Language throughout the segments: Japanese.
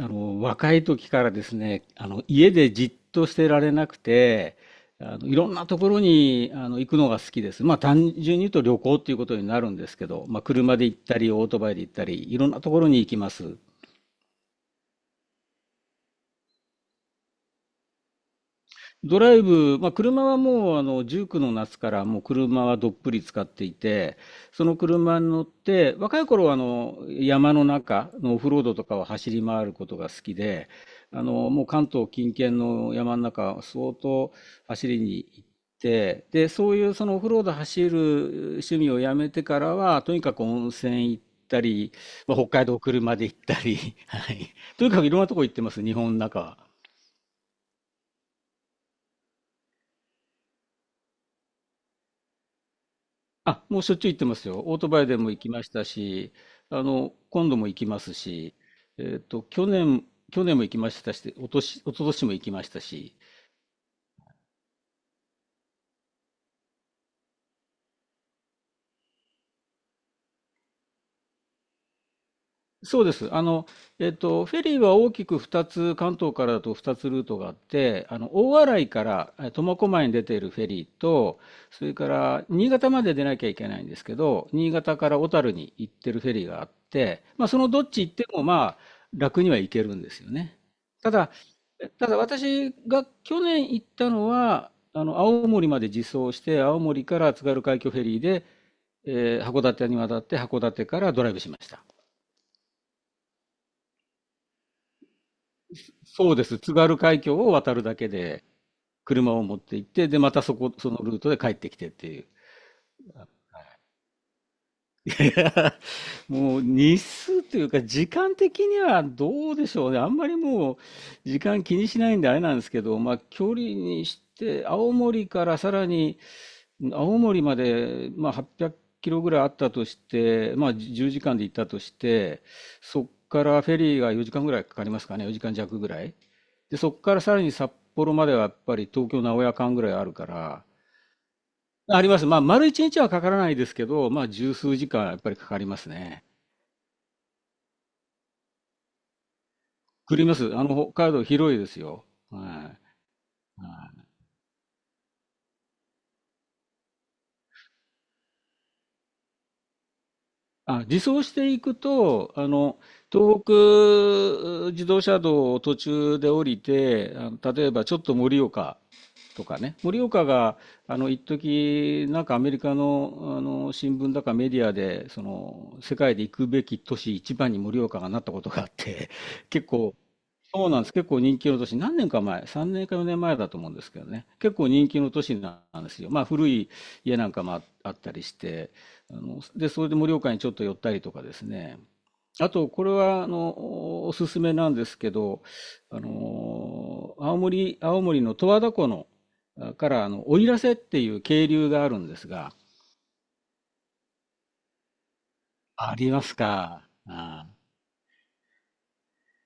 若い時からですね、家でじっとしてられなくて、いろんなところに、行くのが好きです。まあ、単純に言うと旅行っていうことになるんですけど、まあ、車で行ったり、オートバイで行ったり、いろんなところに行きます。ドライブ、まあ、車はもう19の夏からもう車はどっぷり使っていて、その車に乗って、若い頃は山の中のオフロードとかを走り回ることが好きで、もう関東近県の山の中、相当走りに行って、で、そういうそのオフロード走る趣味をやめてからは、とにかく温泉行ったり、まあ、北海道車で行ったり、はい、とにかくいろんなとこ行ってます、日本の中は。あ、もうしょっちゅう行ってますよ。オートバイでも行きましたし、今度も行きますし、えっと、去年、去年も行きましたし、おとし、一昨年も行きましたし、そうです。フェリーは大きく2つ、関東からだと2つルートがあって、大洗から苫小牧に出ているフェリーと、それから新潟まで出なきゃいけないんですけど、新潟から小樽に行ってるフェリーがあって、まあ、そのどっち行っても、まあ、楽には行けるんですよね。ただ、ただ私が去年行ったのは、青森まで自走して、青森から津軽海峡フェリーで、函館に渡って、函館からドライブしました。そうです。津軽海峡を渡るだけで、車を持って行って、で、またそのルートで帰ってきてっていう。もう日数というか、時間的にはどうでしょうね。あんまりもう、時間気にしないんであれなんですけど、まあ、距離にして、青森からさらに、青森まで、まあ、800キロぐらいあったとして、まあ、10時間で行ったとして、そこからフェリーが4時間ぐらいかかりますかね、4時間弱ぐらい。で、そこからさらに札幌まではやっぱり東京名古屋間ぐらいあるから、あります。まあ、丸一日はかからないですけど、まあ、十数時間やっぱりかかりますね。くります。北海道広いですよ。はい。はいあ、自走していくと、東北自動車道を途中で降りて、例えばちょっと盛岡とかね、盛岡が、一時なんかアメリカの、新聞だかメディアで、その、世界で行くべき都市一番に盛岡がなったことがあって、結構、そうなんです。結構人気の都市。何年か前、3年か4年前だと思うんですけどね。結構人気の都市なんですよ。まあ古い家なんかもああったりして、で、それで盛岡にちょっと寄ったりとかですね。あと、これは、おすすめなんですけど、青森の十和田湖の、あから、奥入瀬っていう渓流があるんですが、あ、ありますか。ああ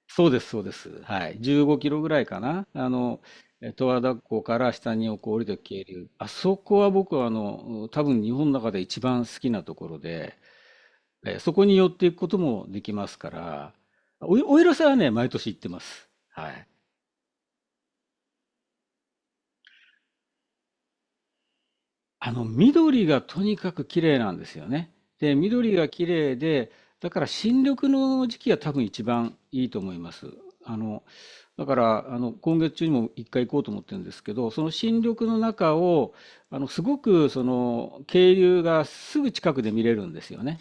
そうです、そうです。はい。15キロぐらいかな。十和田湖から下にこう降りてく渓流。あそこは僕は多分日本の中で一番好きなところで、そこに寄っていくこともできますから、お、おいらさんはね、毎年行ってます。はい。緑がとにかく綺麗なんですよね。で、緑が綺麗で、だから新緑の時期が多分一番いいと思います。あの、だから、今月中にも一回行こうと思ってるんですけど、その新緑の中を、すごく、その、渓流がすぐ近くで見れるんですよね。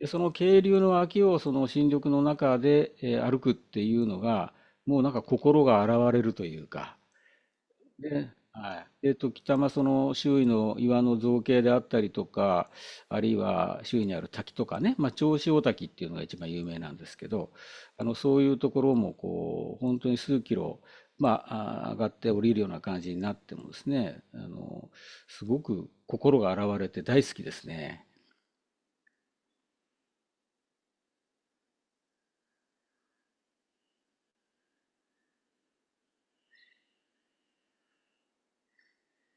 で、その渓流の脇を、その新緑の中で、歩くっていうのが、もうなんか心が洗われるというか、で、はい。北間その周囲の岩の造形であったりとか、あるいは周囲にある滝とかね、まあ、銚子大滝っていうのが一番有名なんですけど、そういうところもこう本当に数キロ、まあ、上がって降りるような感じになってもですね、すごく心が洗われて大好きですね。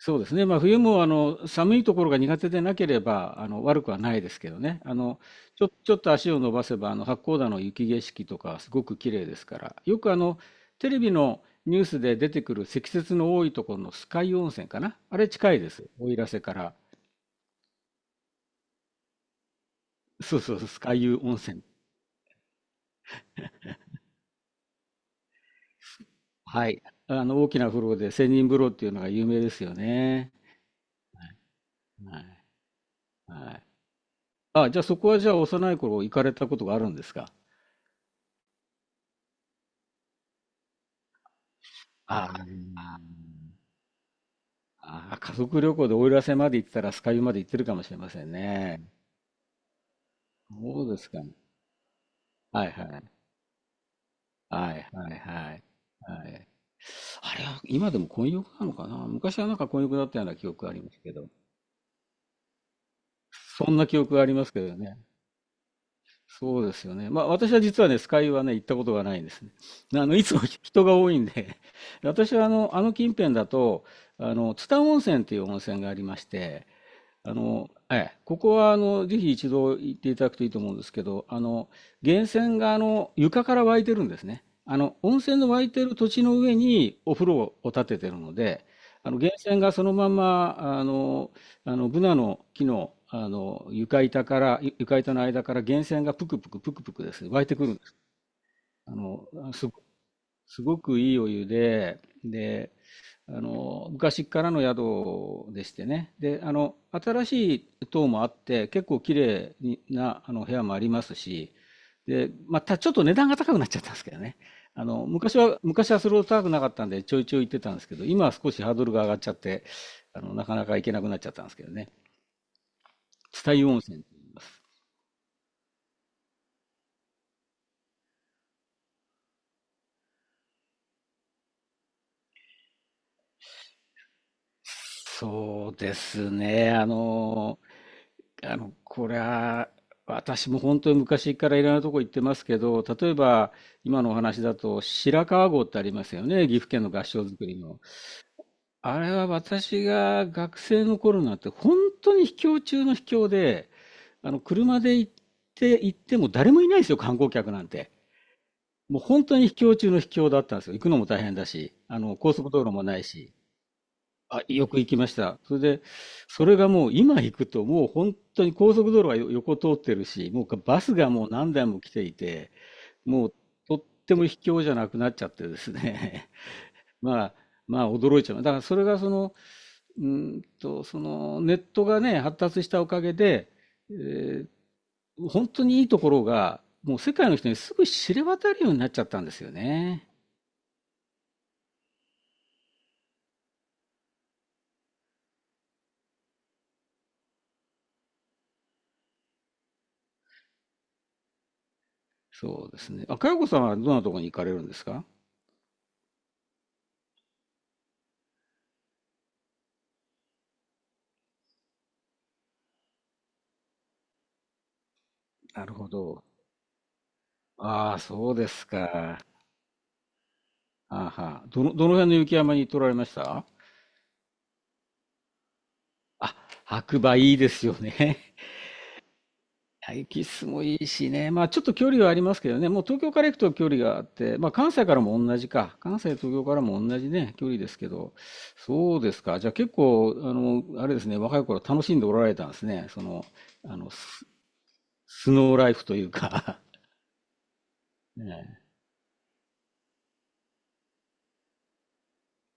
そうですね。まあ、冬も寒いところが苦手でなければ悪くはないですけどね。ちょっと足を伸ばせば八甲田の雪景色とかすごく綺麗ですから。よくテレビのニュースで出てくる積雪の多いところの酸ヶ湯温泉かな。あれ近いです。奥入瀬から。そうそうそう、酸ヶ湯温泉。はい。大きな風呂で千人風呂っていうのが有名ですよね。はい。はい。あ、じゃあそこはじゃあ幼い頃行かれたことがあるんですか。ああ。ああ、家族旅行で奥入瀬まで行ってたら、酸ヶ湯まで行ってるかもしれませんね。そうですかね。はいはい。はいはいはい。はい。あれは今でも混浴なのかな。昔はなんか混浴だったような記憶がありますけど。そんな記憶がありますけどね。そうですよね。まあ私は実はね、酸ヶ湯はね、行ったことがないんですね。いつも 人が多いんで私は近辺だと、津田温泉っていう温泉がありまして、ええ、ここはぜひ一度行っていただくといいと思うんですけど、源泉が床から湧いてるんですね。温泉の湧いてる土地の上にお風呂を建ててるので、源泉がそのままブナの木の、床板から床板の間から源泉がぷくぷくぷくぷくですね湧いてくるんです。あのすごすごくいいお湯で、で、昔からの宿でしてね。で、新しい棟もあって、結構綺麗な、部屋もありますし、で、またちょっと値段が高くなっちゃったんですけどね。昔はそれほど高くなかったんで、ちょいちょい行ってたんですけど、今は少しハードルが上がっちゃって、なかなか行けなくなっちゃったんですけどね。蔦湯温泉と言います。そうですね。これは、私も本当に昔からいろんなとこ行ってますけど、例えば今のお話だと白川郷ってありますよね、岐阜県の合掌造りの。あれは私が学生の頃なんて本当に秘境中の秘境で、車で行っても誰もいないですよ、観光客なんて。もう本当に秘境中の秘境だったんですよ。行くのも大変だし、高速道路もないし。あ、よく行きました。それで、それがもう今行くともう本当に高速道路は横通ってるし、もうバスがもう何台も来ていて、もうとっても卑怯じゃなくなっちゃってですね。まあ、まあ驚いちゃう。だからそれがその、うーそのネットがね、発達したおかげで、えー本当にいいところがもう世界の人にすぐ知れ渡るようになっちちゃったんですよね。そうですね。あ、佳代子さんはどんなところに行かれるんですか。なるほど。ああ、そうですか。はあはあ。どの辺の雪山に取られました。あ、白馬いいですよね。あ雪質もいいしね。まあちょっと距離はありますけどね。もう東京から行くと距離があって、まあ関西からも同じか。関西、東京からも同じね、距離ですけど。そうですか。じゃあ結構、あれですね、若い頃楽しんでおられたんですね。その、あの、ス、スノーライフというか ねえ。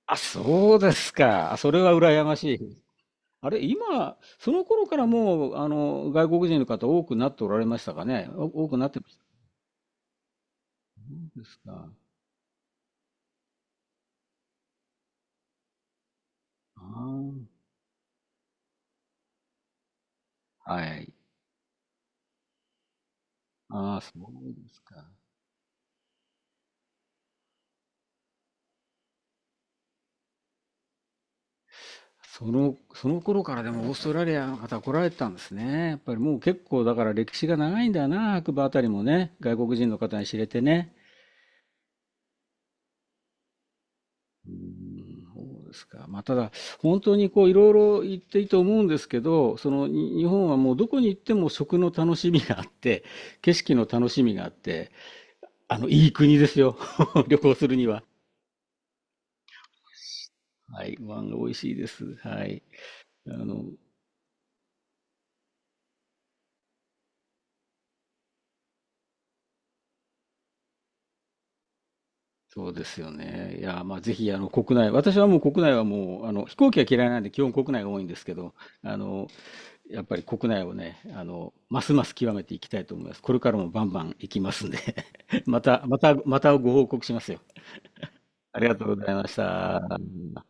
あ、そうですか。あそれは羨ましい。あれ、今、その頃からもう、外国人の方多くなっておられましたかね。多くなってました。そうですか。ああ、はい。ああ、そうですか。その頃からでもオーストラリアの方来られてたんですね。やっぱりもう結構だから歴史が長いんだな、白馬あたりもね、外国人の方に知れてね。うーん、そうですか。まあ、ただ、本当にこう、いろいろ言っていいと思うんですけど、その、日本はもうどこに行っても食の楽しみがあって、景色の楽しみがあって、いい国ですよ。旅行するには。はい。ご飯が美味しいです。はい。あの、そうですよね。いや、まあ、ぜひ、私はもう国内はもう、飛行機は嫌いなんで、基本国内が多いんですけど、あの、やっぱり国内をね、ますます極めていきたいと思います。これからもバンバン行きますんで また、また、またご報告しますよ。ありがとうございました。